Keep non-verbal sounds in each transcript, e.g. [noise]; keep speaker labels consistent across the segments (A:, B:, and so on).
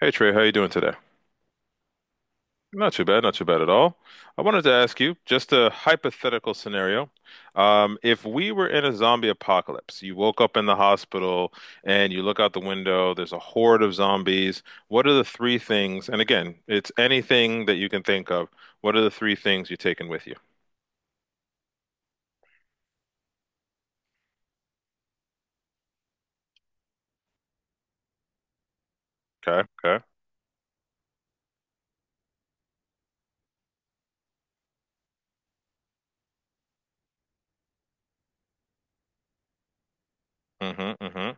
A: Hey Trey, how you doing today? Not too bad, not too bad at all. I wanted to ask you just a hypothetical scenario. If we were in a zombie apocalypse, you woke up in the hospital and you look out the window, there's a horde of zombies. What are the three things? And again, it's anything that you can think of. What are the three things you're taking with you? Okay, okay. Mm-hmm, mm-hmm.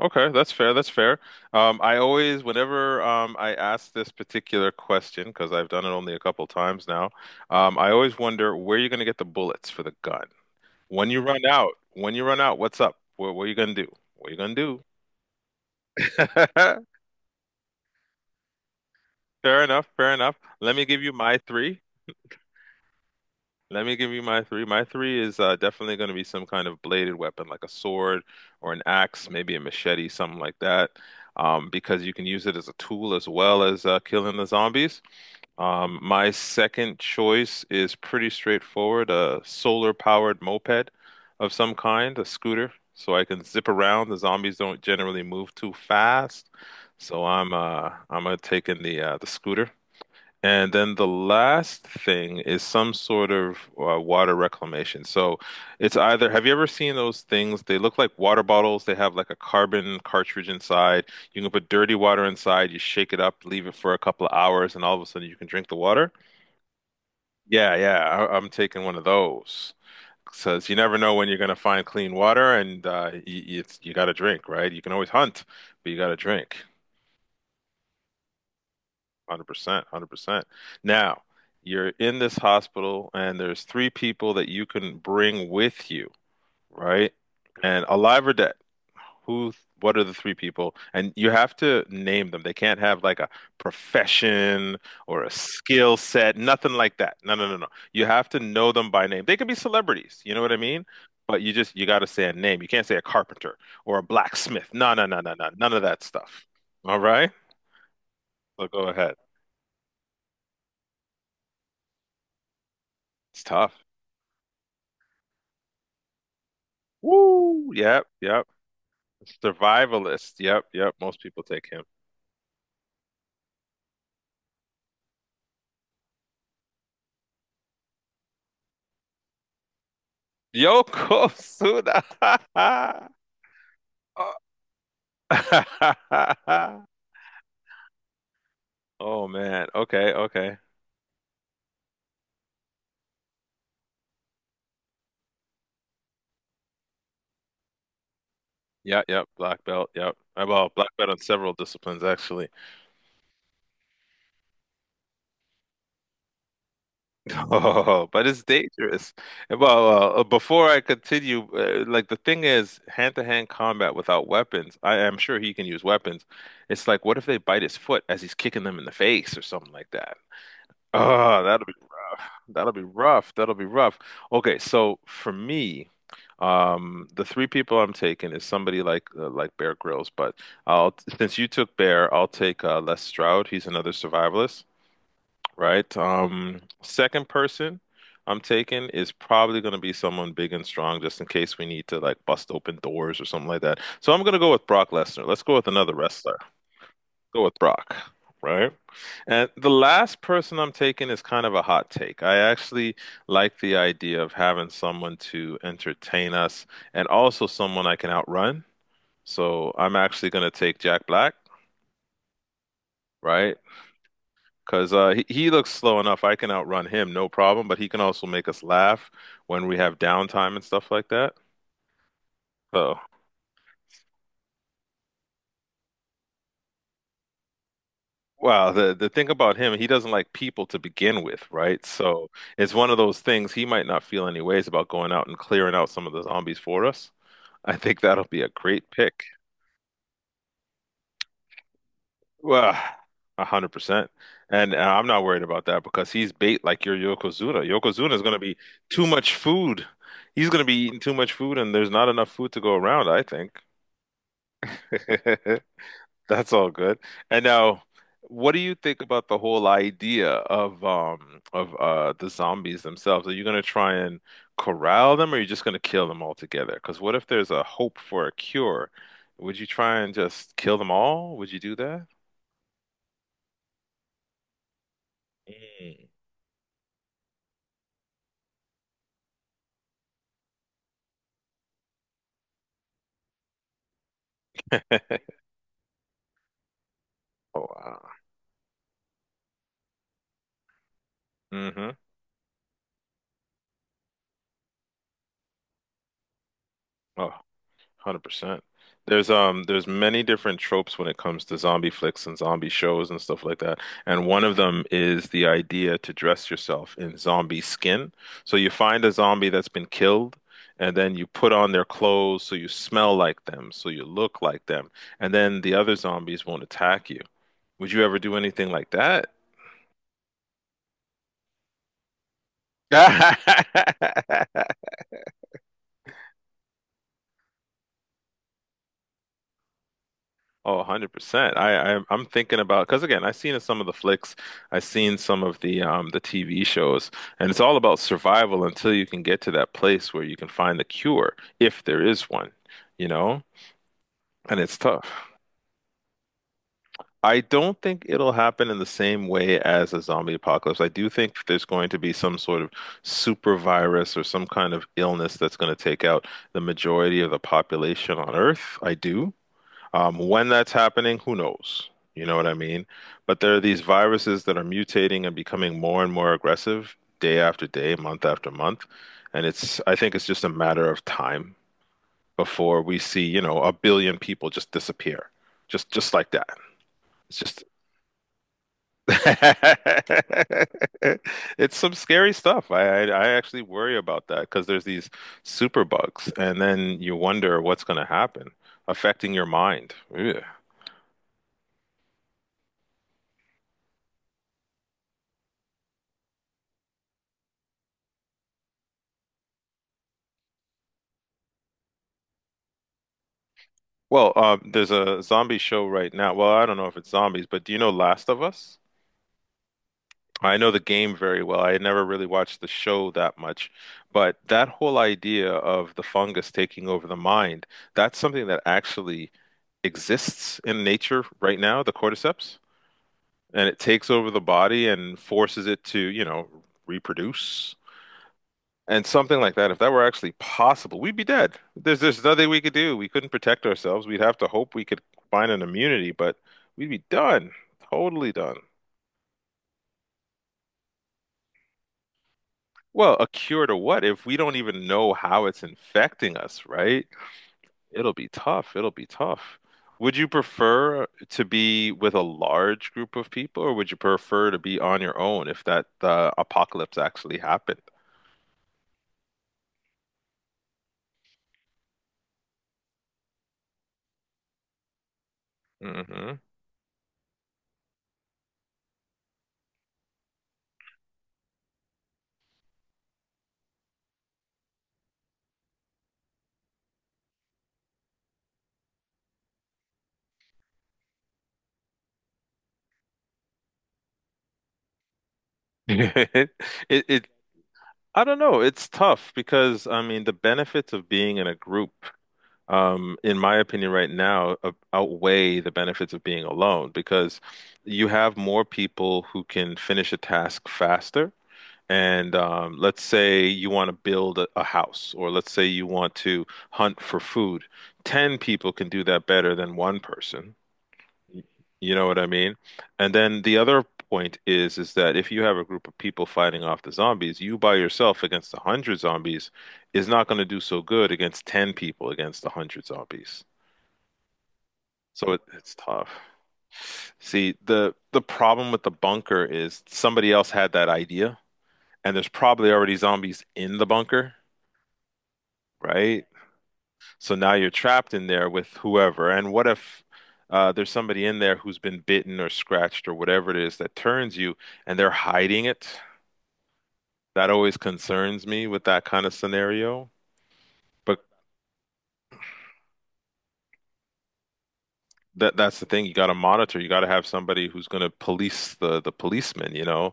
A: Okay, that's fair. That's fair. I always, whenever I ask this particular question, because I've done it only a couple times now, I always wonder where you're going to get the bullets for the gun. When you run out, what's up? What are you going to do? What are you going to do? [laughs] Fair enough. Fair enough. Let me give you my three. Let me give you my three. My three is definitely going to be some kind of bladed weapon, like a sword or an axe, maybe a machete, something like that, because you can use it as a tool as well as killing the zombies. My second choice is pretty straightforward, a solar powered moped of some kind, a scooter, so I can zip around. The zombies don't generally move too fast. So I'm taking the scooter. And then the last thing is some sort of water reclamation. So it's either, have you ever seen those things? They look like water bottles. They have like a carbon cartridge inside. You can put dirty water inside, you shake it up, leave it for a couple of hours, and all of a sudden you can drink the water. Yeah, yeah, I'm taking one of those. Says you never know when you're gonna find clean water, and it's you got to drink, right? You can always hunt, but you got to drink. 100%, 100%. Now, you're in this hospital and there's three people that you can bring with you, right? And alive or dead. Who, what are the three people? And you have to name them. They can't have like a profession or a skill set, nothing like that. No, no, no, no. You have to know them by name. They can be celebrities, you know what I mean? But you just, you got to say a name. You can't say a carpenter or a blacksmith. No, no, no, no, no. None of that stuff. All right? So go ahead. It's tough. Woo! Yep, yep. Survivalist. Yep, yep. Most people take him. Yokozuna. [laughs] Oh man. Okay, okay. Yeah, yep. Black belt. Yep. Well, black belt on several disciplines actually. [laughs] Oh, but it's dangerous. Well, before I continue, like the thing is, hand-to-hand combat without weapons. I am sure he can use weapons. It's like, what if they bite his foot as he's kicking them in the face or something like that? Oh, that. That'll be rough. That'll be rough. Okay, so for me, the three people I'm taking is somebody like Bear Grylls, but I'll since you took Bear, I'll take Les Stroud. He's another survivalist, right? Second person I'm taking is probably going to be someone big and strong, just in case we need to like bust open doors or something like that. So I'm going to go with Brock Lesnar. Let's go with another wrestler. Go with Brock, right? And the last person I'm taking is kind of a hot take. I actually like the idea of having someone to entertain us and also someone I can outrun. So I'm actually going to take Jack Black, right? Because he looks slow enough. I can outrun him, no problem, but he can also make us laugh when we have downtime and stuff like that. So well, the thing about him, he doesn't like people to begin with, right? So it's one of those things he might not feel any ways about going out and clearing out some of the zombies for us. [laughs] I think that'll be a great pick. Well, 100%. And I'm not worried about that because he's bait like your Yokozuna. Yokozuna is going to be too much food. He's going to be eating too much food, and there's not enough food to go around, I think. [laughs] That's all good. And now, what do you think about the whole idea of the zombies themselves? Are you gonna try and corral them, or are you just gonna kill them altogether? Because what if there's a hope for a cure? Would you try and just kill them all? Would you do that? Mm. [laughs] Oh, wow. Mm-hmm. Oh, 100%. There's many different tropes when it comes to zombie flicks and zombie shows and stuff like that. And one of them is the idea to dress yourself in zombie skin. So you find a zombie that's been killed and then you put on their clothes so you smell like them, so you look like them, and then the other zombies won't attack you. Would you ever do anything like that? [laughs] Oh, 100%. I'm thinking about because again, I've seen some of the flicks, I've seen some of the TV shows, and it's all about survival until you can get to that place where you can find the cure, if there is one, you know? And it's tough. I don't think it'll happen in the same way as a zombie apocalypse. I do think there's going to be some sort of super virus or some kind of illness that's going to take out the majority of the population on Earth. I do. When that's happening, who knows? You know what I mean? But there are these viruses that are mutating and becoming more and more aggressive day after day, month after month. And it's, I think it's just a matter of time before we see, you know, a billion people just disappear. Just like that. It's just [laughs] it's some scary stuff. I actually worry about that because there's these super bugs, and then you wonder what's going to happen affecting your mind. Ugh. Well, there's a zombie show right now. Well, I don't know if it's zombies, but do you know Last of Us? I know the game very well. I had never really watched the show that much, but that whole idea of the fungus taking over the mind, that's something that actually exists in nature right now, the cordyceps, and it takes over the body and forces it to, you know, reproduce. And something like that, if that were actually possible, we'd be dead. There's nothing we could do. We couldn't protect ourselves. We'd have to hope we could find an immunity, but we'd be done. Totally done. Well, a cure to what if we don't even know how it's infecting us, right? It'll be tough. It'll be tough. Would you prefer to be with a large group of people, or would you prefer to be on your own if that apocalypse actually happened? Hmm. [laughs] It, it I don't know. It's tough because I mean the benefits of being in a group, in my opinion, right now, outweigh the benefits of being alone because you have more people who can finish a task faster. And let's say you want to build a house, or let's say you want to hunt for food. 10 people can do that better than one person. Y- You know what I mean? And then the other point is that if you have a group of people fighting off the zombies, you by yourself against 100 zombies is not going to do so good against 10 people against 100 zombies. So it's tough. See, the problem with the bunker is somebody else had that idea, and there's probably already zombies in the bunker, right? So now you're trapped in there with whoever. And what if there's somebody in there who's been bitten or scratched or whatever it is that turns you and they're hiding it? That always concerns me with that kind of scenario. That's the thing. You got to monitor. You got to have somebody who's going to police the policemen, you know.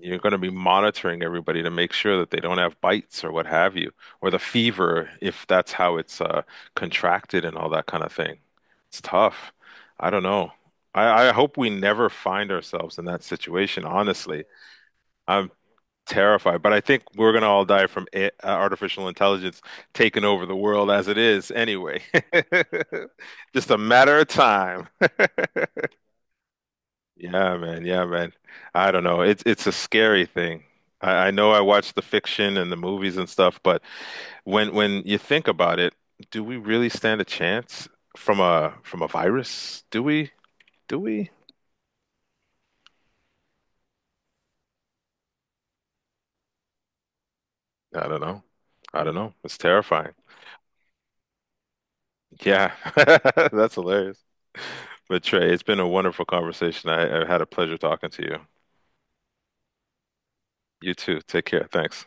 A: You're going to be monitoring everybody to make sure that they don't have bites or what have you, or the fever if that's how it's contracted and all that kind of thing. It's tough. I don't know. I hope we never find ourselves in that situation, honestly. I'm terrified, but I think we're going to all die from a artificial intelligence taking over the world as it is anyway. [laughs] Just a matter of time. [laughs] Yeah, man. Yeah, man. I don't know. It's a scary thing. I know I watch the fiction and the movies and stuff, but when you think about it, do we really stand a chance from a virus? Do we? Do we? I don't know. I don't know. It's terrifying. Yeah. [laughs] That's hilarious. But Trey, it's been a wonderful conversation. I had a pleasure talking to you. You too. Take care. Thanks.